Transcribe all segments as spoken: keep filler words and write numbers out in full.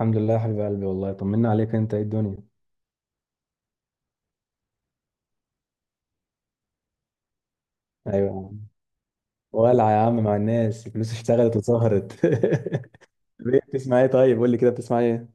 الحمد لله يا حبيب قلبي، والله طمنا عليك. انت ايه الدنيا؟ ايوه يا عم. ولع يا عم مع الناس، الفلوس اشتغلت وسهرت. ليه؟ بتسمع ايه؟ طيب قول لي كده، بتسمع ايه؟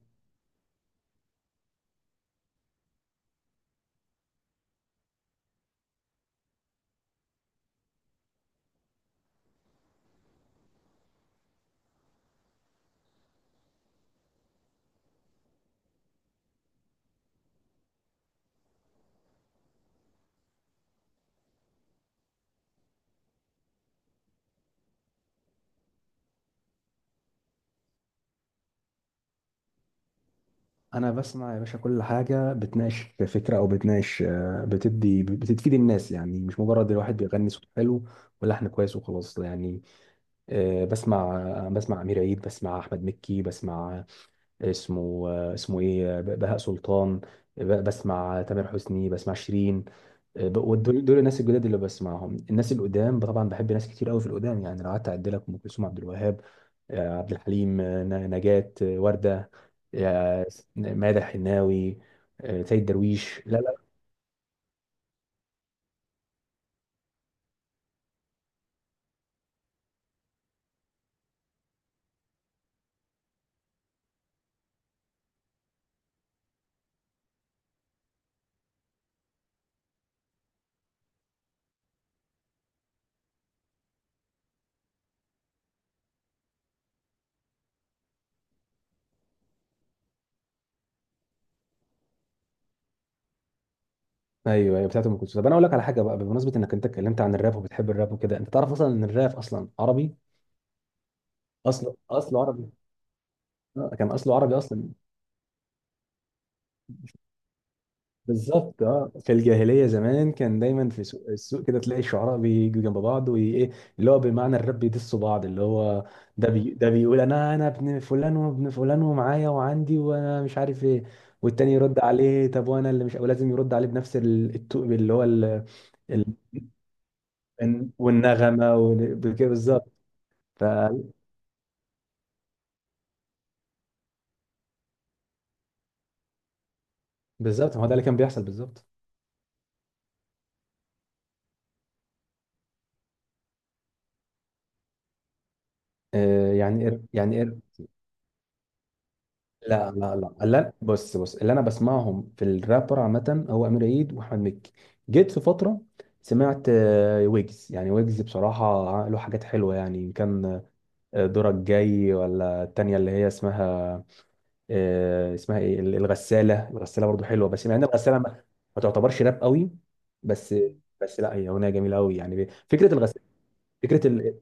انا بسمع يا باشا كل حاجه بتناقش فكره او بتناقش، آه، بتدي، بتفيد الناس، يعني مش مجرد الواحد بيغني صوت حلو ولحن كويس وخلاص يعني. آه، بسمع آه، بسمع امير عيد، بسمع احمد مكي، بسمع اسمه آه، اسمه ايه؟ آه، بهاء سلطان. ب- بسمع تامر حسني، بسمع شيرين، آه، ب- ودول دول الناس الجداد اللي بسمعهم. الناس القدام طبعا بحب ناس كتير قوي في القدام، يعني لو قعدت اعد لك: ام كلثوم، عبد الوهاب، آه، عبد الحليم، آه، ن- نجاة، آه، وردة، آه، ماذا الحناوي، آه، سيد درويش، لا لا. ايوه ايوه بتاعت ام كلثوم. طب انا اقول لك على حاجه بقى، بمناسبه انك انت اتكلمت عن الراب وبتحب الراب وكده، انت تعرف اصلا ان الراب اصلا عربي؟ اصله اصله عربي، آه، كان اصله عربي اصلا. بالظبط، اه، في الجاهليه زمان كان دايما في سوق، السوق كده تلاقي الشعراء بيجوا جنب بعض وايه، اللي هو بمعنى الرب بيدسوا بعض، اللي هو ده بي ده بيقول: انا انا ابن فلان وابن فلان، ومعايا وعندي، وانا مش عارف ايه. والتاني يرد عليه: طب وانا اللي مش، ولازم يرد عليه بنفس ال- التوق، اللي هو ال... ال... والنغمه وكده، بالظبط. ف- بالظبط، ما هو ده اللي كان بيحصل بالظبط. آه، يعني يعني، لا لا لا لا، بص بص، اللي انا بسمعهم في الرابر عامه هو امير عيد واحمد مكي. جيت في فتره سمعت آه، ويجز، يعني ويجز بصراحه له حاجات حلوه يعني، إن كان آه، دورك جاي، ولا التانيه اللي هي اسمها آه، اسمها ايه؟ ال- الغساله. الغساله برضو حلوه، بس مع ان الغساله ما ما تعتبرش راب قوي، بس بس لا هي اغنيه جميله قوي يعني، ب- فكره الغساله، فكره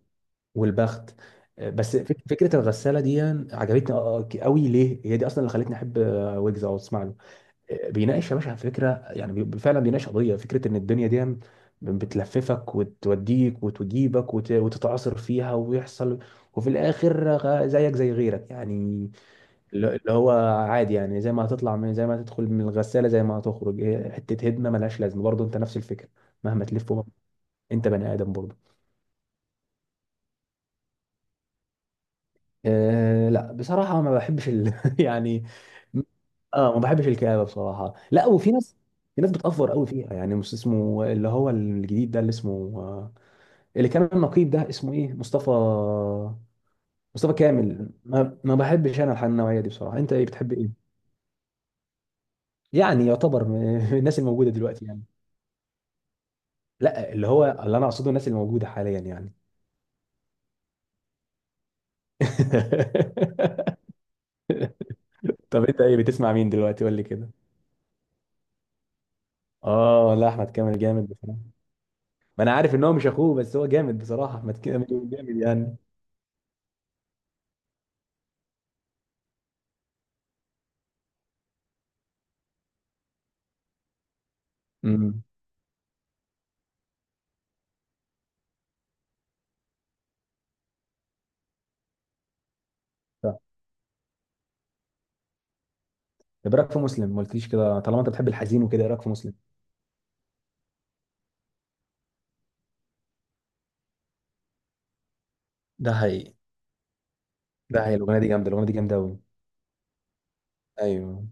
والبخت. آه، بس فك- فكره الغساله دي عجبتني قوي. ليه؟ هي دي اصلا اللي خلتني احب آه، ويجز او اسمع له. آه، بيناقش يا باشا فكره، يعني بي- فعلا بيناقش قضيه فكره ان الدنيا دي بتلففك وتوديك وتجيبك وت- وتتعاصر فيها ويحصل، وفي الاخر غ- زيك زي غيرك يعني، اللي اللي هو عادي يعني، زي ما هتطلع من، زي ما هتدخل من الغساله زي ما هتخرج، هي حته هدمه ملهاش لازمه برضه، انت نفس الفكره، مهما تلف انت بني ادم برضه. أه لا بصراحة ما بحبش ال... يعني. اه ما بحبش الكآبة بصراحة لا. وفي ناس في ناس بتأفور قوي فيها يعني. مش اسمه، اللي هو الجديد ده، اللي اسمه آه، اللي كان النقيب، ده اسمه ايه؟ مصطفى، مصطفى كامل. ما, ما بحبش انا الح- النوعية دي بصراحة. انت ايه؟ بتحب ايه؟ يعني يعتبر من الناس الموجودة دلوقتي يعني. لا، اللي هو اللي انا اقصده الناس الموجودة حاليا يعني. طب انت ايه؟ بتسمع مين دلوقتي؟ قول لي كده. اه لا، احمد كامل جامد بصراحة. ما انا عارف ان هو مش اخوه، بس هو جامد بصراحه، ما تك- ما تقول جامد يعني. امم. طب طب إيه رايك في مسلم؟ ما قلتليش كده، طالما انت بتحب الحزين وكده، ايه رايك في مسلم؟ ده حقيقي، ده هي الاغنيه دي جامده، الاغنيه دي جامده قوي. ايوه.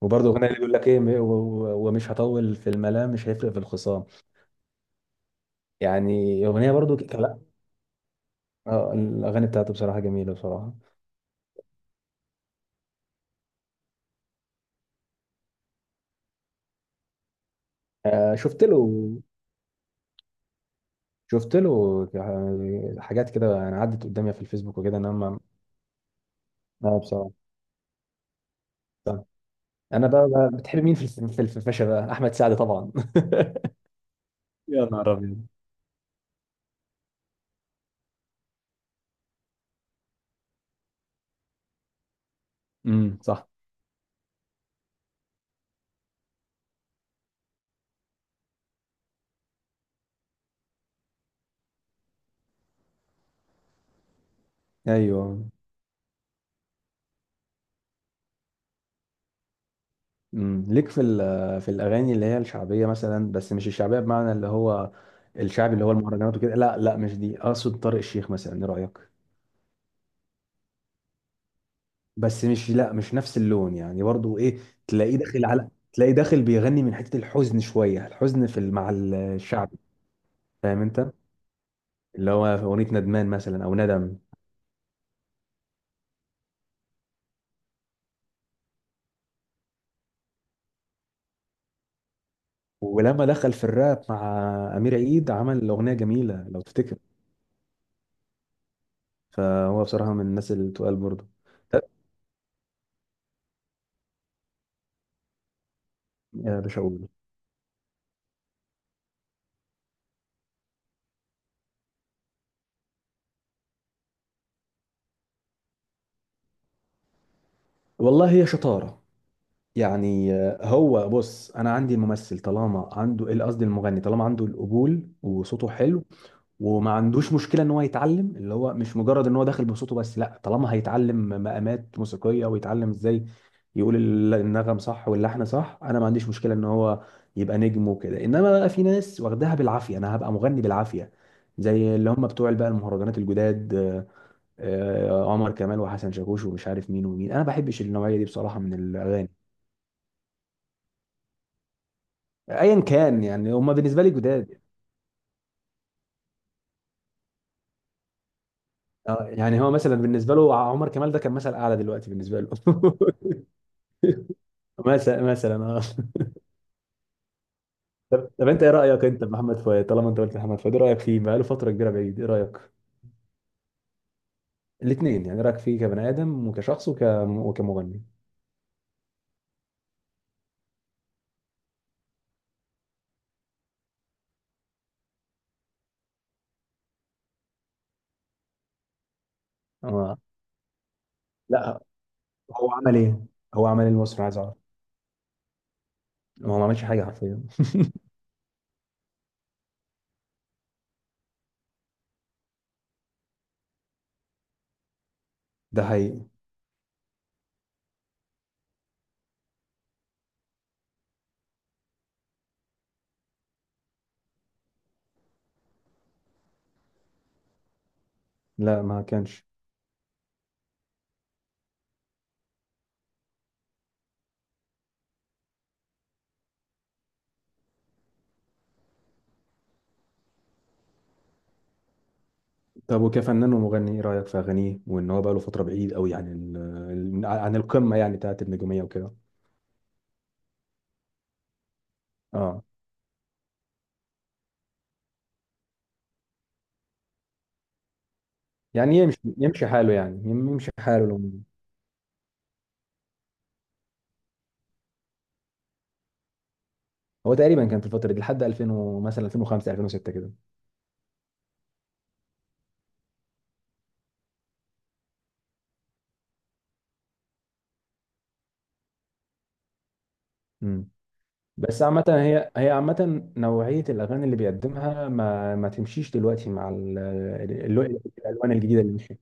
وبرضه اغنيه، اللي بيقول لك ايه: م- و- و- ومش هطول في الملام، مش هيفرق في الخصام، يعني اغنيه برضه ك- لا. آه، الاغاني بتاعته بصراحه جميله بصراحه. آه شفت له، شفت له ح- حاجات كده يعني، عدت قدامي في الفيسبوك وكده، انا ما ما بصراحه. انا بقى بقى- بتحب مين في الف- في الفشة بقى؟ احمد سعد طبعا. يا نهار ابيض. امم صح. ايوه، امم، ليك في ال- في الاغاني اللي هي الشعبيه مثلا، بس مش الشعبيه بمعنى اللي هو الشعبي اللي هو المهرجانات وكده، لا لا مش دي اقصد، طارق الشيخ مثلا، ايه رايك؟ بس مش، لا مش نفس اللون يعني، برضو ايه، تلاقيه داخل على تلاقيه داخل بيغني من حته الحزن شويه، الحزن في ال- مع الشعبي، فاهم انت، اللي هو في اغنيه ندمان مثلا او ندم. ولما دخل في الراب مع امير عيد، عمل اغنيه جميله لو تفتكر. فهو بصراحه من الناس اللي تقال برضه. طب يا باشا اقول، والله هي شطاره، يعني آه، هو بص، انا عندي الممثل طالما عنده، قصدي المغني طالما عنده القبول وصوته حلو وما عندوش مشكله ان هو يتعلم، اللي هو مش مجرد ان هو داخل بصوته بس لا، طالما هيتعلم مقامات موسيقيه ويتعلم ازاي يقول ال- النغم صح واللحن صح، انا ما عنديش مشكله ان هو يبقى نجم وكده. انما بقى في ناس واخداها بالعافيه: انا هبقى مغني بالعافيه، زي اللي هم بتوع بقى المهرجانات الجداد، آه، آه، عمر كمال وحسن شاكوش ومش عارف مين ومين، انا ما بحبش النوعيه دي بصراحه من الاغاني. ايا كان يعني، هم بالنسبه لي جداد. آه، يعني هو مثلا بالنسبه له عمر كمال ده كان مثل اعلى دلوقتي بالنسبه له. مثلا مثلا اه. طب طب انت ايه رايك انت بمحمد فؤاد؟ طالما انت قلت محمد فؤاد، ايه رايك فيه؟ بقاله فتره كبيره بعيد، ايه رايك؟ الاثنين يعني، إيه رايك فيه كبني ادم وكشخص وك... وكمغني؟ اه لا. هو عمل ايه؟ هو عمل ايه لمصر؟ عايز اعرف. هو ما عملش حاجه حرفيا. ده حقيقي. لا ما كانش. طب وكفنان ومغني ايه رايك في اغانيه، وان هو بقاله فتره بعيد قوي عن ال... ال- عن القمه يعني بتاعت النجوميه وكده؟ اه، يعني يمشي يمشي حاله، يعني يمشي حاله لو. هو تقريبا كان في الفتره دي لحد ألفين و- مثلا ألفين وخمسة، ألفين وستة كده. مم. بس عامة، هي هي عامة نوعية الأغاني اللي بيقدمها ما ما تمشيش دلوقتي مع ال- ال- ال- الألوان الجديدة اللي مشيت.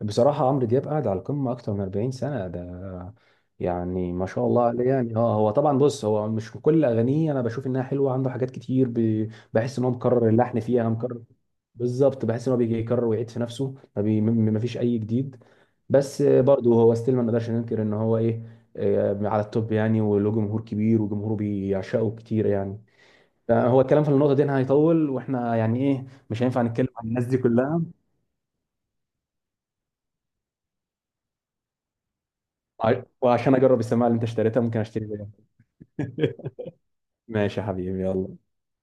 بصراحة عمرو دياب قاعد على القمة أكتر من أربعين سنة، ده يعني ما شاء الله عليه يعني. اه هو طبعا، بص هو مش كل أغانيه أنا بشوف إنها حلوة، عنده حاجات كتير ب... بحس إن هو مكرر اللحن فيها، مكرر. بالظبط، بحس إن هو بيجي يكرر ويعيد في نفسه، ما, بي... ما ما فيش أي جديد. بس برضه هو ستيل ما نقدرش ننكر إن هو إيه، آه، على التوب يعني، وله جمهور كبير وجمهوره بيعشقه كتير يعني. هو الكلام في النقطة دي هيطول، واحنا يعني ايه، مش هينفع نتكلم عن الناس دي كلها. وع- وعشان اجرب السماعه اللي انت اشتريتها ممكن اشتري بيها. ماشي يا حبيبي، يلا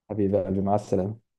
حبيبي قلبي، مع السلامه.